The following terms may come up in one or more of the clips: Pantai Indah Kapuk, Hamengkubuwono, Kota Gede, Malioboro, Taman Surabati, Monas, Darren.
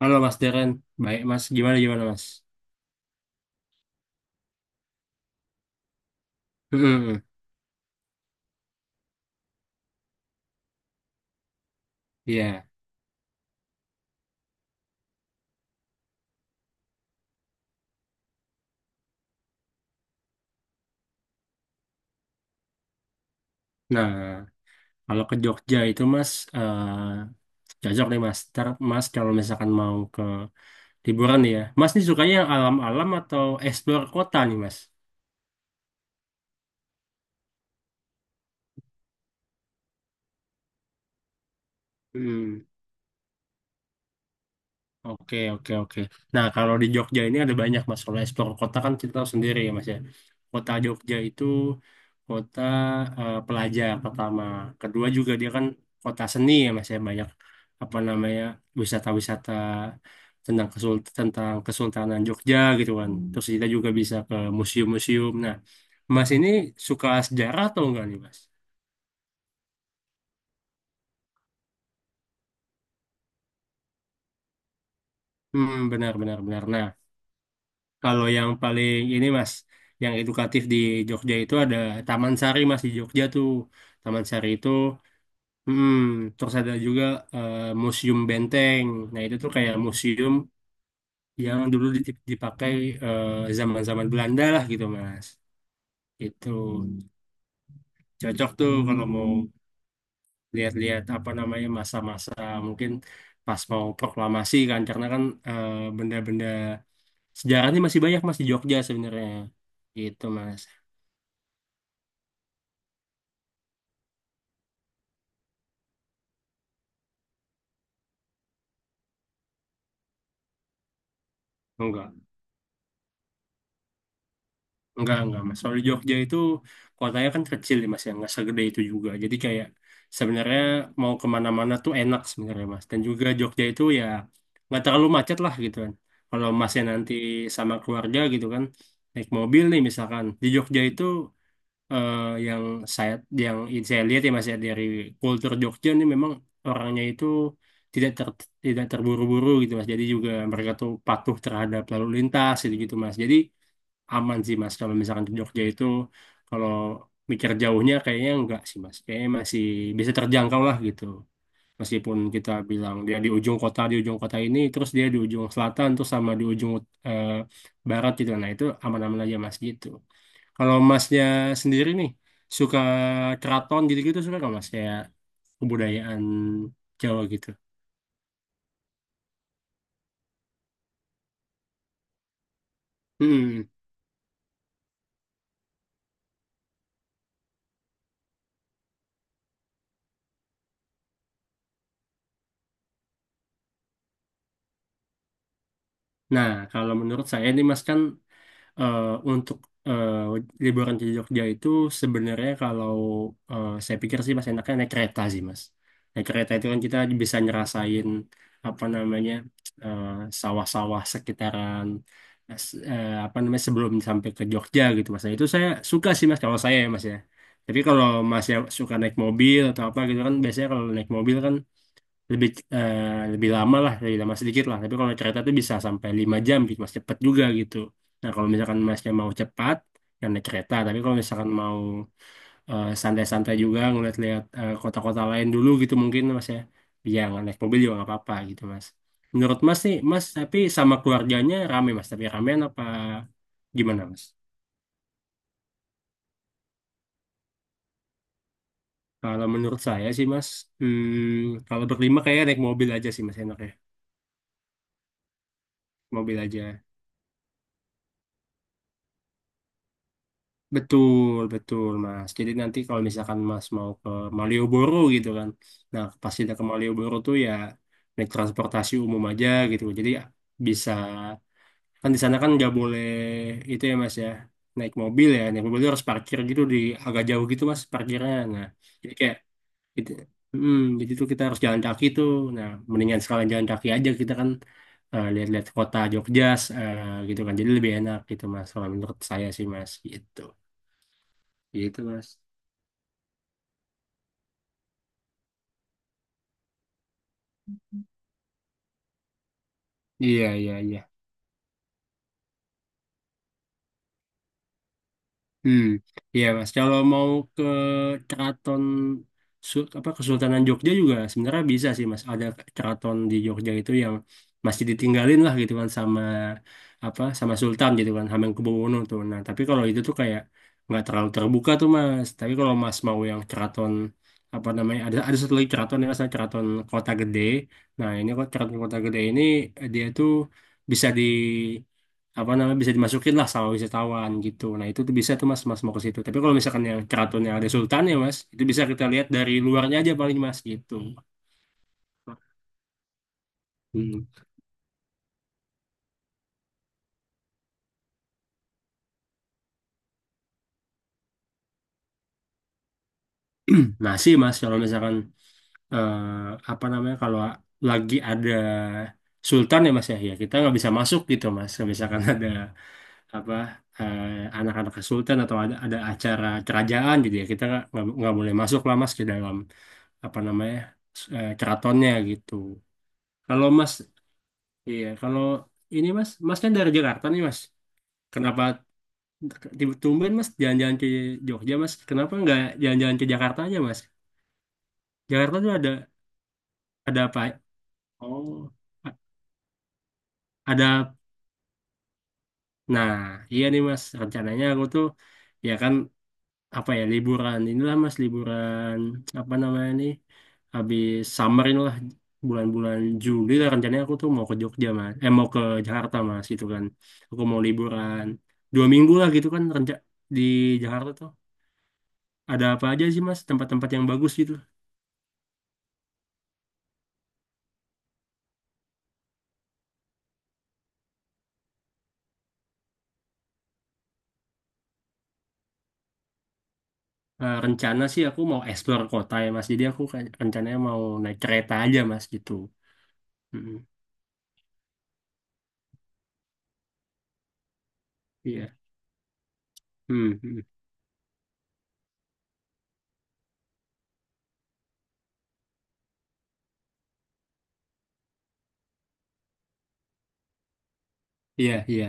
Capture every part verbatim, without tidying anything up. Halo Mas Deren, baik Mas, gimana gimana Mas? Hmm, iya. Nah, kalau ke Jogja itu Mas, eh cocok nih Mas. Ntar Mas kalau misalkan mau ke liburan nih ya, Mas nih sukanya yang alam-alam atau explore kota nih Mas? Hmm. Oke, oke, oke. Nah, kalau di Jogja ini ada banyak Mas. Kalau explore kota kan kita tahu sendiri ya Mas ya. Kota Jogja itu kota eh, pelajar pertama. Kedua juga dia kan kota seni ya Mas ya. Banyak apa namanya wisata-wisata tentang kesul tentang Kesultanan Jogja gitu kan. Terus kita juga bisa ke museum-museum. Nah, Mas ini suka sejarah atau enggak nih Mas? Hmm, benar, benar, benar. Nah, Kalau yang paling ini Mas, yang edukatif di Jogja itu ada Taman Sari Mas di Jogja tuh. Taman Sari itu, hmm, terus ada juga eh, Museum Benteng. Nah itu tuh kayak museum yang dulu dip- dipakai eh, zaman-zaman Belanda lah gitu Mas. Itu cocok tuh kalau mau lihat-lihat apa namanya masa-masa mungkin pas mau proklamasi kan, karena kan eh, benda-benda sejarahnya masih banyak Mas di Jogja sebenarnya. Gitu Mas. Enggak. Enggak, enggak, Mas. Soalnya Jogja itu kotanya kan kecil ya, Mas, ya. Enggak segede itu juga. Jadi kayak sebenarnya mau kemana-mana tuh enak sebenarnya, Mas. Dan juga Jogja itu ya nggak terlalu macet lah gitu kan. Kalau Masnya nanti sama keluarga gitu kan, naik mobil nih misalkan. Di Jogja itu eh, yang saya yang saya lihat ya, Mas, ya, dari kultur Jogja nih memang orangnya itu tidak ter, tidak terburu-buru gitu, Mas. Jadi juga mereka tuh patuh terhadap lalu lintas gitu-gitu, Mas. Jadi aman sih mas kalau misalkan ke Jogja itu, kalau mikir jauhnya kayaknya enggak sih mas, kayaknya masih bisa terjangkau lah gitu. Meskipun kita bilang dia di ujung kota, di ujung kota ini, terus dia di ujung selatan, terus sama di ujung eh, barat gitu, nah itu aman-aman aja mas gitu. Kalau masnya sendiri nih suka keraton gitu-gitu, suka nggak mas kayak kebudayaan Jawa gitu? Hmm. Nah, kalau menurut saya nih Mas kan eh, untuk eh, liburan di Jogja itu sebenarnya kalau eh, saya pikir sih mas enaknya naik kereta sih mas. Naik kereta itu kan kita bisa ngerasain apa namanya eh, sawah-sawah sekitaran eh, s- eh, apa namanya sebelum sampai ke Jogja gitu mas. Nah, itu saya suka sih mas kalau saya ya mas ya. Tapi kalau mas ya suka naik mobil atau apa gitu kan, biasanya kalau naik mobil kan lebih eh, lebih lama lah, lebih lama sedikit lah. Tapi kalau kereta itu bisa sampai lima jam gitu mas, cepet juga gitu. Nah kalau misalkan masnya mau cepat, yang naik kereta. Tapi kalau misalkan mau eh, santai-santai juga, ngeliat-liat eh, kota-kota lain dulu gitu mungkin mas ya, ya nggak naik mobil juga nggak apa-apa gitu mas. Menurut mas nih mas, tapi sama keluarganya rame mas, tapi ramean apa gimana mas? Kalau menurut saya sih mas, hmm, kalau berlima kayak naik mobil aja sih mas enaknya. Mobil aja. Betul, betul, Mas. Jadi nanti kalau misalkan Mas mau ke Malioboro gitu kan. Nah, pas kita ke Malioboro tuh ya naik transportasi umum aja gitu. Jadi bisa, kan di sana kan nggak boleh itu ya Mas ya, naik mobil ya. Naik mobil tuh harus parkir gitu di agak jauh gitu Mas parkirnya. Nah, jadi kayak gitu. Mm, jadi tuh kita harus jalan kaki tuh. Nah, mendingan sekalian jalan kaki aja kita kan, eh, lihat-lihat kota Jogja eh, gitu kan. Jadi lebih enak gitu Mas kalau menurut saya sih Mas gitu. Gitu, Mas. Iya, iya, iya. Hmm. Iya, Mas. Kalau mau ke keraton Su- apa Kesultanan Jogja juga sebenarnya bisa sih, Mas. Ada keraton di Jogja itu yang masih ditinggalin lah gitu kan sama apa sama Sultan gitu kan, Hamengkubuwono tuh. Nah, tapi kalau itu tuh kayak nggak terlalu terbuka tuh, Mas. Tapi kalau Mas mau yang keraton apa namanya, ada ada satu lagi keraton yang namanya keraton Kota Gede. Nah, ini kok keraton Kota Gede ini eh, dia tuh bisa di apa namanya bisa dimasukin lah sama wisatawan gitu. Nah itu tuh bisa tuh mas, mas mau ke situ. Tapi kalau misalkan yang keraton yang ada sultan ya mas, itu bisa kita lihat dari luarnya aja paling mas gitu. Hmm. Nah sih mas kalau misalkan eh, apa namanya, kalau lagi ada sultan ya mas ya, ya kita nggak bisa masuk gitu mas. Kalau Misalkan ada apa eh, anak-anak sultan atau ada ada acara kerajaan gitu ya, kita nggak nggak nggak boleh masuk lah mas ke dalam apa namanya eh, keratonnya gitu. Kalau Mas Iya, kalau ini Mas, Mas kan dari Jakarta nih Mas. Kenapa tiba- tumben Mas jalan-jalan ke Jogja Mas? Kenapa nggak jalan-jalan ke Jakarta aja Mas? Jakarta tuh ada ada apa? Oh, a- ada. Nah, iya nih Mas. Rencananya aku tuh ya kan apa ya, liburan inilah mas, liburan apa namanya nih, habis summer inilah, bulan-bulan Juli lah rencananya. Aku tuh mau ke Jogja mas eh mau ke Jakarta mas gitu kan. Aku mau liburan dua minggu lah gitu kan, renca di Jakarta tuh ada apa aja sih mas, tempat-tempat yang bagus gitu? Eh, rencana sih aku mau explore kota ya mas, jadi aku kayak rencananya mau naik kereta aja mas gitu. Mm-mm. Iya. Hmm, hmm. Iya, iya,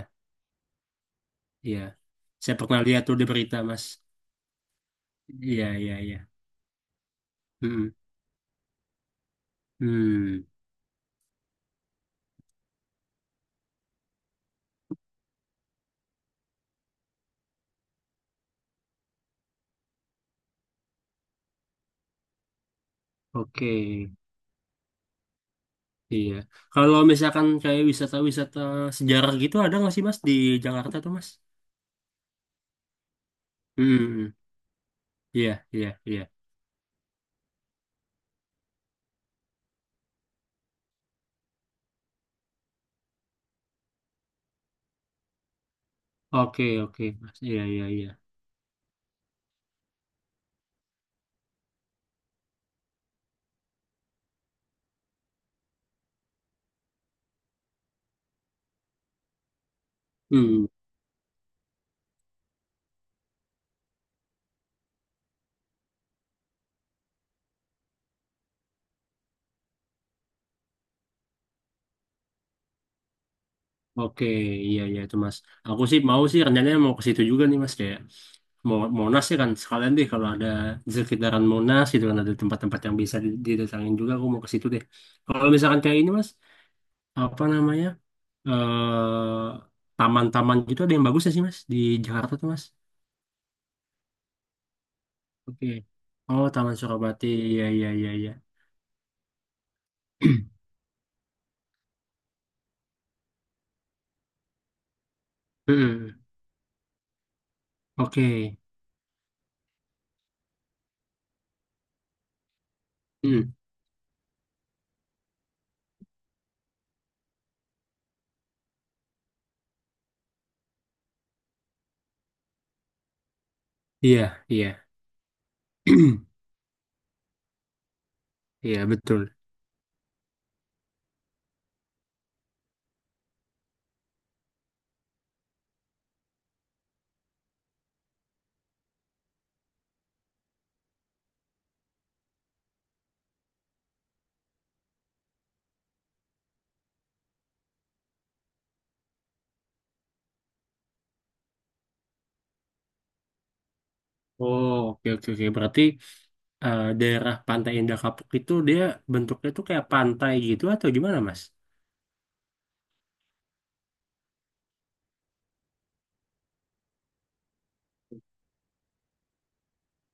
iya, saya pernah lihat tuh di berita mas. Iya, iya, iya. Hmm, oke, iya. Kalau misalkan kayak wisata-wisata sejarah gitu ada nggak sih Mas di Jakarta tuh Mas? Hmm, iya, iya, iya. Oke, oke Mas, iya, iya, iya. Hmm, oke, iya, iya itu Mas. Aku sih mau sih rencananya mau ke situ juga nih Mas, kayak mau Monas ya kan, sekalian deh kalau ada di sekitaran Monas gitu kan ada tempat-tempat yang bisa didatangin, juga aku mau ke situ deh. Kalau misalkan kayak ini Mas, apa namanya, eh, taman-taman gitu, ada yang bagus ya sih Mas di Jakarta tuh Mas? Oke. Oh, Taman Surabati. Iya, iya, iya, iya. Mm-mm. Oke. Mm. Iya, iya. Iya, betul. Oh, oke, oke, oke. Berarti eh, daerah Pantai Indah Kapuk itu dia bentuknya tuh kayak pantai gitu atau gimana, Mas?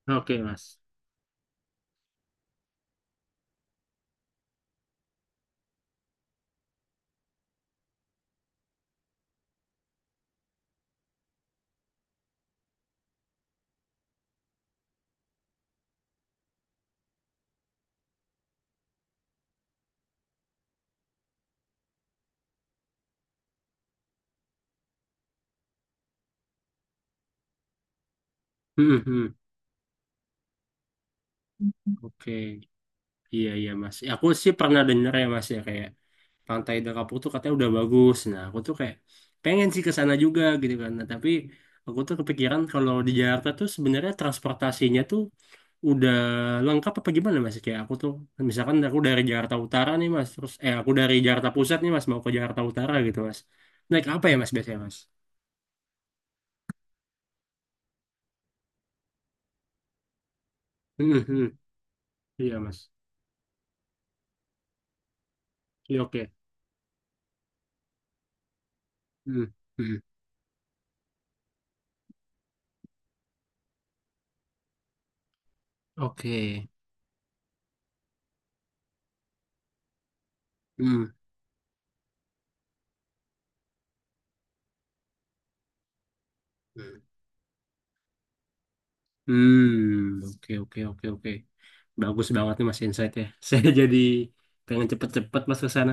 Oke, Mas. Mm-mm. Oke. Iya, iya mas. Ya, aku sih pernah denger ya mas ya, kayak pantai Dakapu tuh katanya udah bagus. Nah aku tuh kayak pengen sih ke sana juga gitu kan. Nah, tapi aku tuh kepikiran kalau di Jakarta tuh sebenarnya transportasinya tuh udah lengkap apa gimana mas? Kayak aku tuh misalkan aku dari Jakarta Utara nih mas. Terus eh aku dari Jakarta Pusat nih mas mau ke Jakarta Utara gitu mas. Naik apa ya mas biasanya mas? Hmm, hmm. Iya mas. Iya, oke. Hmm, hmm. Oke. Hmm. Hmm, oke, oke, oke, oke. Bagus banget nih Mas insight-nya. Saya jadi pengen cepet-cepet Mas ke sana.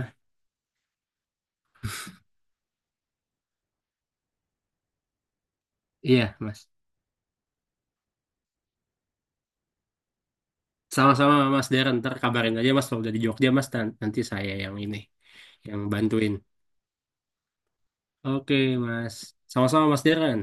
Iya, Mas. Sama-sama Mas Darren, ntar kabarin aja Mas kalau udah di Jogja Mas, Nan- nanti saya yang ini yang bantuin. Oke, Mas. Sama-sama Mas Darren.